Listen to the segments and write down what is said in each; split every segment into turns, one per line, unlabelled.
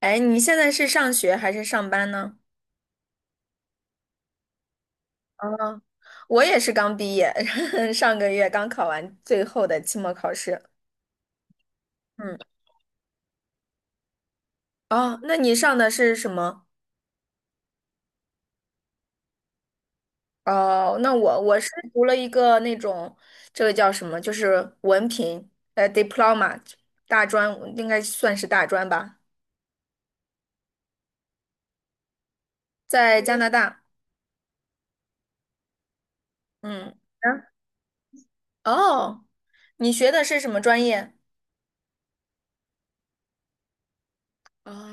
哎，你现在是上学还是上班呢？啊，我也是刚毕业，上个月刚考完最后的期末考试。嗯，哦，那你上的是什么？哦，那我是读了一个那种，这个叫什么？就是文凭，diploma，大专，应该算是大专吧，在加拿大。嗯，哦，你学的是什么专业？哦，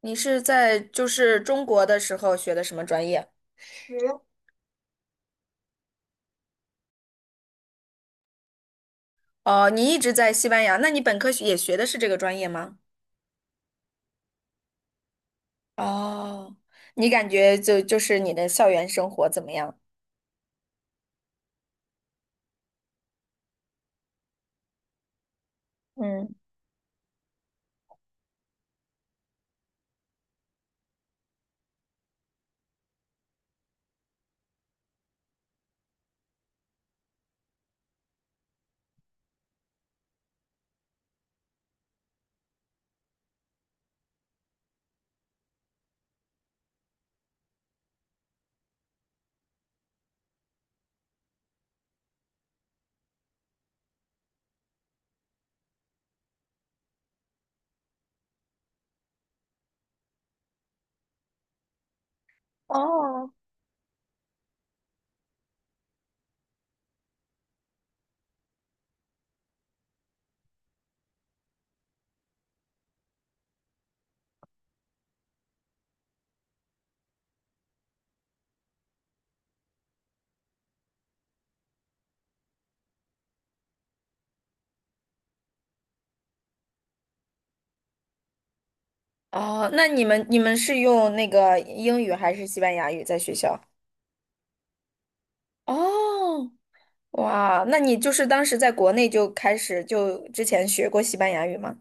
你是在就是中国的时候学的什么专业？哦，你一直在西班牙，那你本科学也学的是这个专业吗？哦，你感觉就是你的校园生活怎么样？嗯，哦，哦，那你们是用那个英语还是西班牙语在学校？哦，哇，那你就是当时在国内就开始就之前学过西班牙语吗？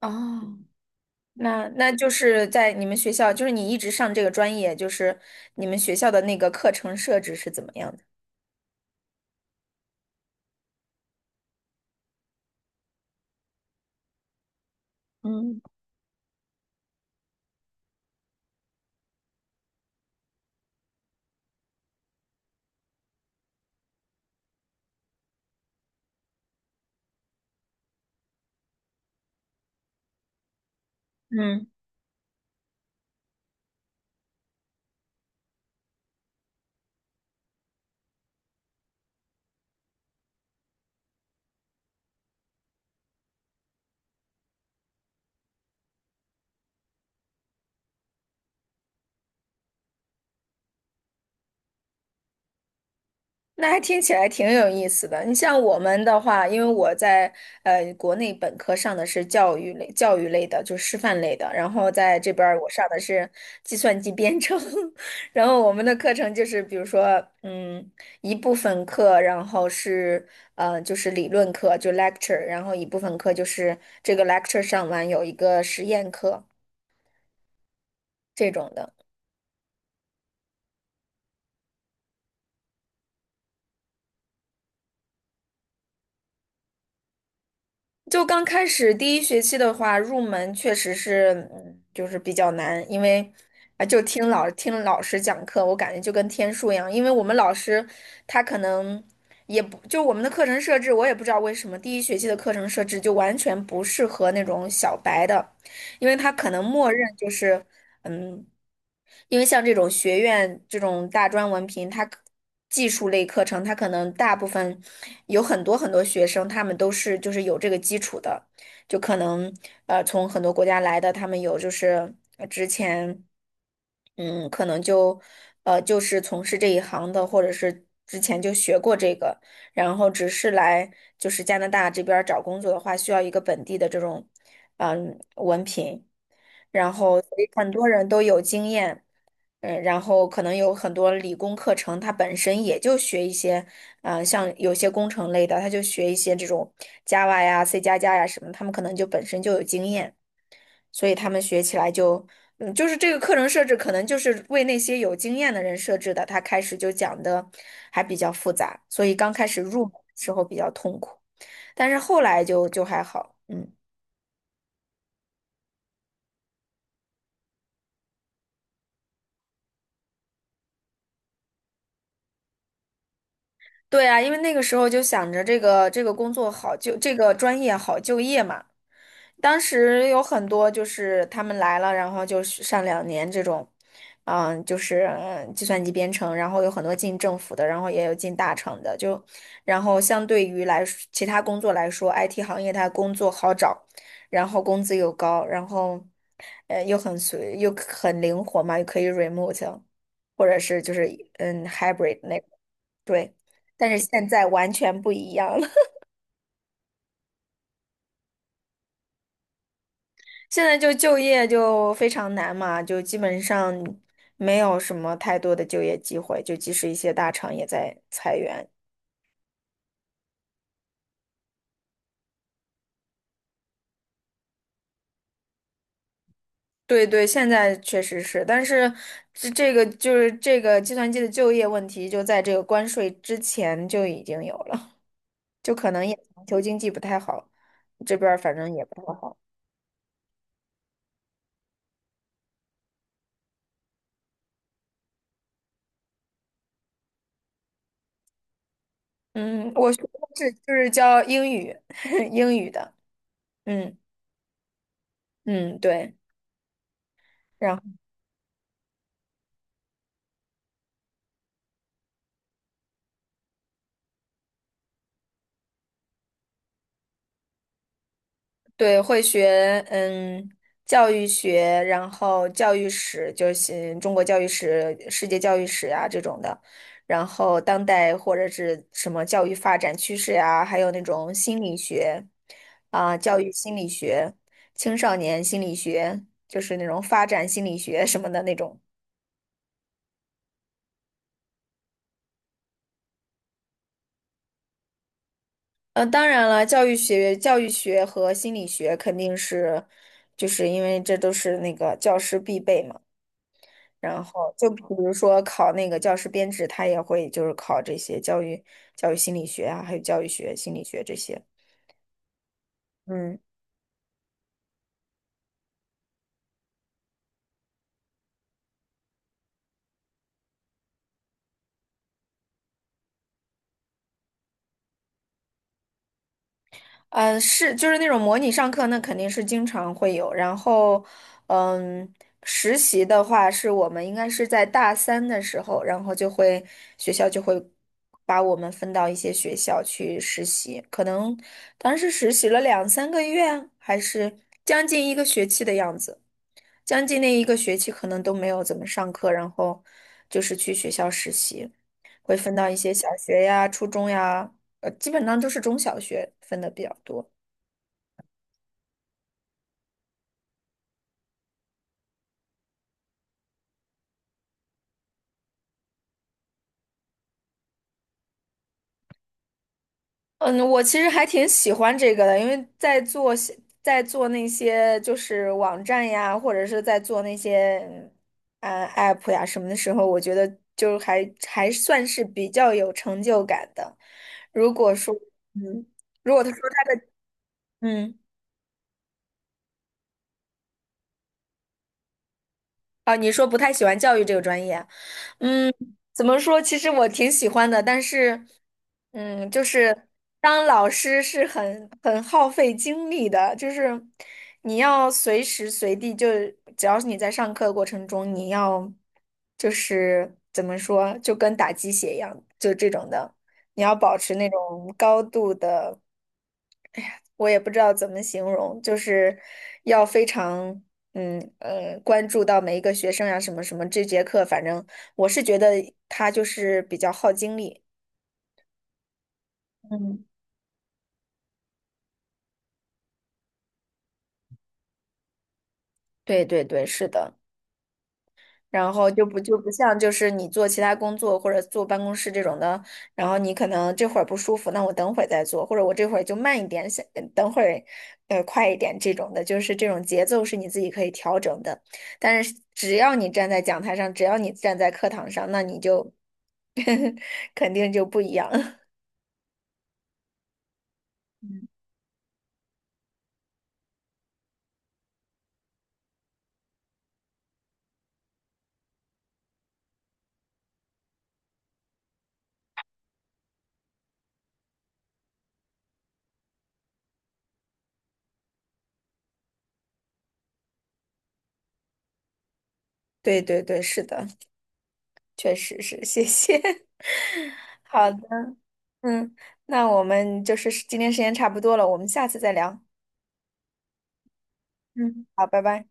哦，那那就是在你们学校，就是你一直上这个专业，就是你们学校的那个课程设置是怎么样的？嗯。嗯。那还听起来挺有意思的。你像我们的话，因为我在国内本科上的是教育类、教育类的，就是师范类的，然后在这边儿我上的是计算机编程，然后我们的课程就是比如说，一部分课，然后是就是理论课，就 lecture，然后一部分课就是这个 lecture 上完有一个实验课这种的。就刚开始第一学期的话，入门确实是，嗯，就是比较难，因为就听老师讲课，我感觉就跟天书一样，因为我们老师他可能也不就我们的课程设置，我也不知道为什么第一学期的课程设置就完全不适合那种小白的，因为他可能默认就是。嗯，因为像这种学院这种大专文凭，技术类课程，它可能大部分有很多很多学生，他们都是就是有这个基础的，就可能从很多国家来的，他们有就是之前可能就是从事这一行的，或者是之前就学过这个，然后只是来就是加拿大这边儿找工作的话，需要一个本地的这种。嗯。然后所以很多人都有经验，嗯，然后可能有很多理工课程，它本身也就学一些，像有些工程类的，他就学一些这种 Java 呀、C 加加呀什么，他们可能就本身就有经验，所以他们学起来就，嗯，就是这个课程设置可能就是为那些有经验的人设置的，他开始就讲的还比较复杂，所以刚开始入门的时候比较痛苦，但是后来就还好，嗯。对啊，因为那个时候就想着这个工作好就这个专业好就业嘛。当时有很多就是他们来了，然后就是上两年这种，计算机编程，然后有很多进政府的，然后也有进大厂的，就然后相对于来说其他工作来说，IT 行业它工作好找，然后工资又高，然后又又很灵活嘛，又可以 remote，或者是就是hybrid 那个。对，但是现在完全不一样了。现在就业就非常难嘛，就基本上没有什么太多的就业机会，就即使一些大厂也在裁员。对对，现在确实是，但是这个就是这个计算机的就业问题，就在这个关税之前就已经有了，就可能也全球经济不太好，这边儿反正也不太好。嗯，我学的是就是教英语，英语的，嗯嗯，对。然后。对，会学嗯教育学，然后教育史，就是中国教育史、世界教育史呀这种的，然后当代或者是什么教育发展趋势呀、还有那种心理学啊、教育心理学、青少年心理学，就是那种发展心理学什么的那种。嗯，当然了，教育学和心理学肯定是，就是因为这都是那个教师必备嘛。然后就比如说考那个教师编制，他也会就是考这些教育心理学啊，还有教育学、心理学这些。嗯，是就是那种模拟上课，那肯定是经常会有。然后，嗯，实习的话，是我们应该是在大三的时候，然后学校就会把我们分到一些学校去实习，可能当时实习了两三个月，还是将近一个学期的样子。将近那一个学期可能都没有怎么上课，然后就是去学校实习，会分到一些小学呀、初中呀，基本上都是中小学分的比较多。嗯，我其实还挺喜欢这个的，因为在做那些就是网站呀，或者是在做那些app 呀什么的时候，我觉得还算是比较有成就感的。如果说嗯，如果他说他嗯啊，你说不太喜欢教育这个专业啊。嗯，怎么说？其实我挺喜欢的，但是，嗯，就是当老师是很耗费精力的，就是你要随时随地就，只要是你在上课过程中，你要就是怎么说，就跟打鸡血一样，就这种的，你要保持那种高度的。我也不知道怎么形容，就是要非常关注到每一个学生呀、什么什么。这节课反正我是觉得他就是比较耗精力。嗯，对对对，是的。然后就不像就是你做其他工作或者坐办公室这种的，然后你可能这会儿不舒服，那我等会儿再做，或者我这会儿就慢一点，想等会儿快一点这种的，就是这种节奏是你自己可以调整的。但是只要你站在讲台上，只要你站在课堂上，那你就 肯定就不一样。对对对，是的，确实是，谢谢。好的，嗯，那我们就是今天时间差不多了，我们下次再聊。嗯，好，拜拜。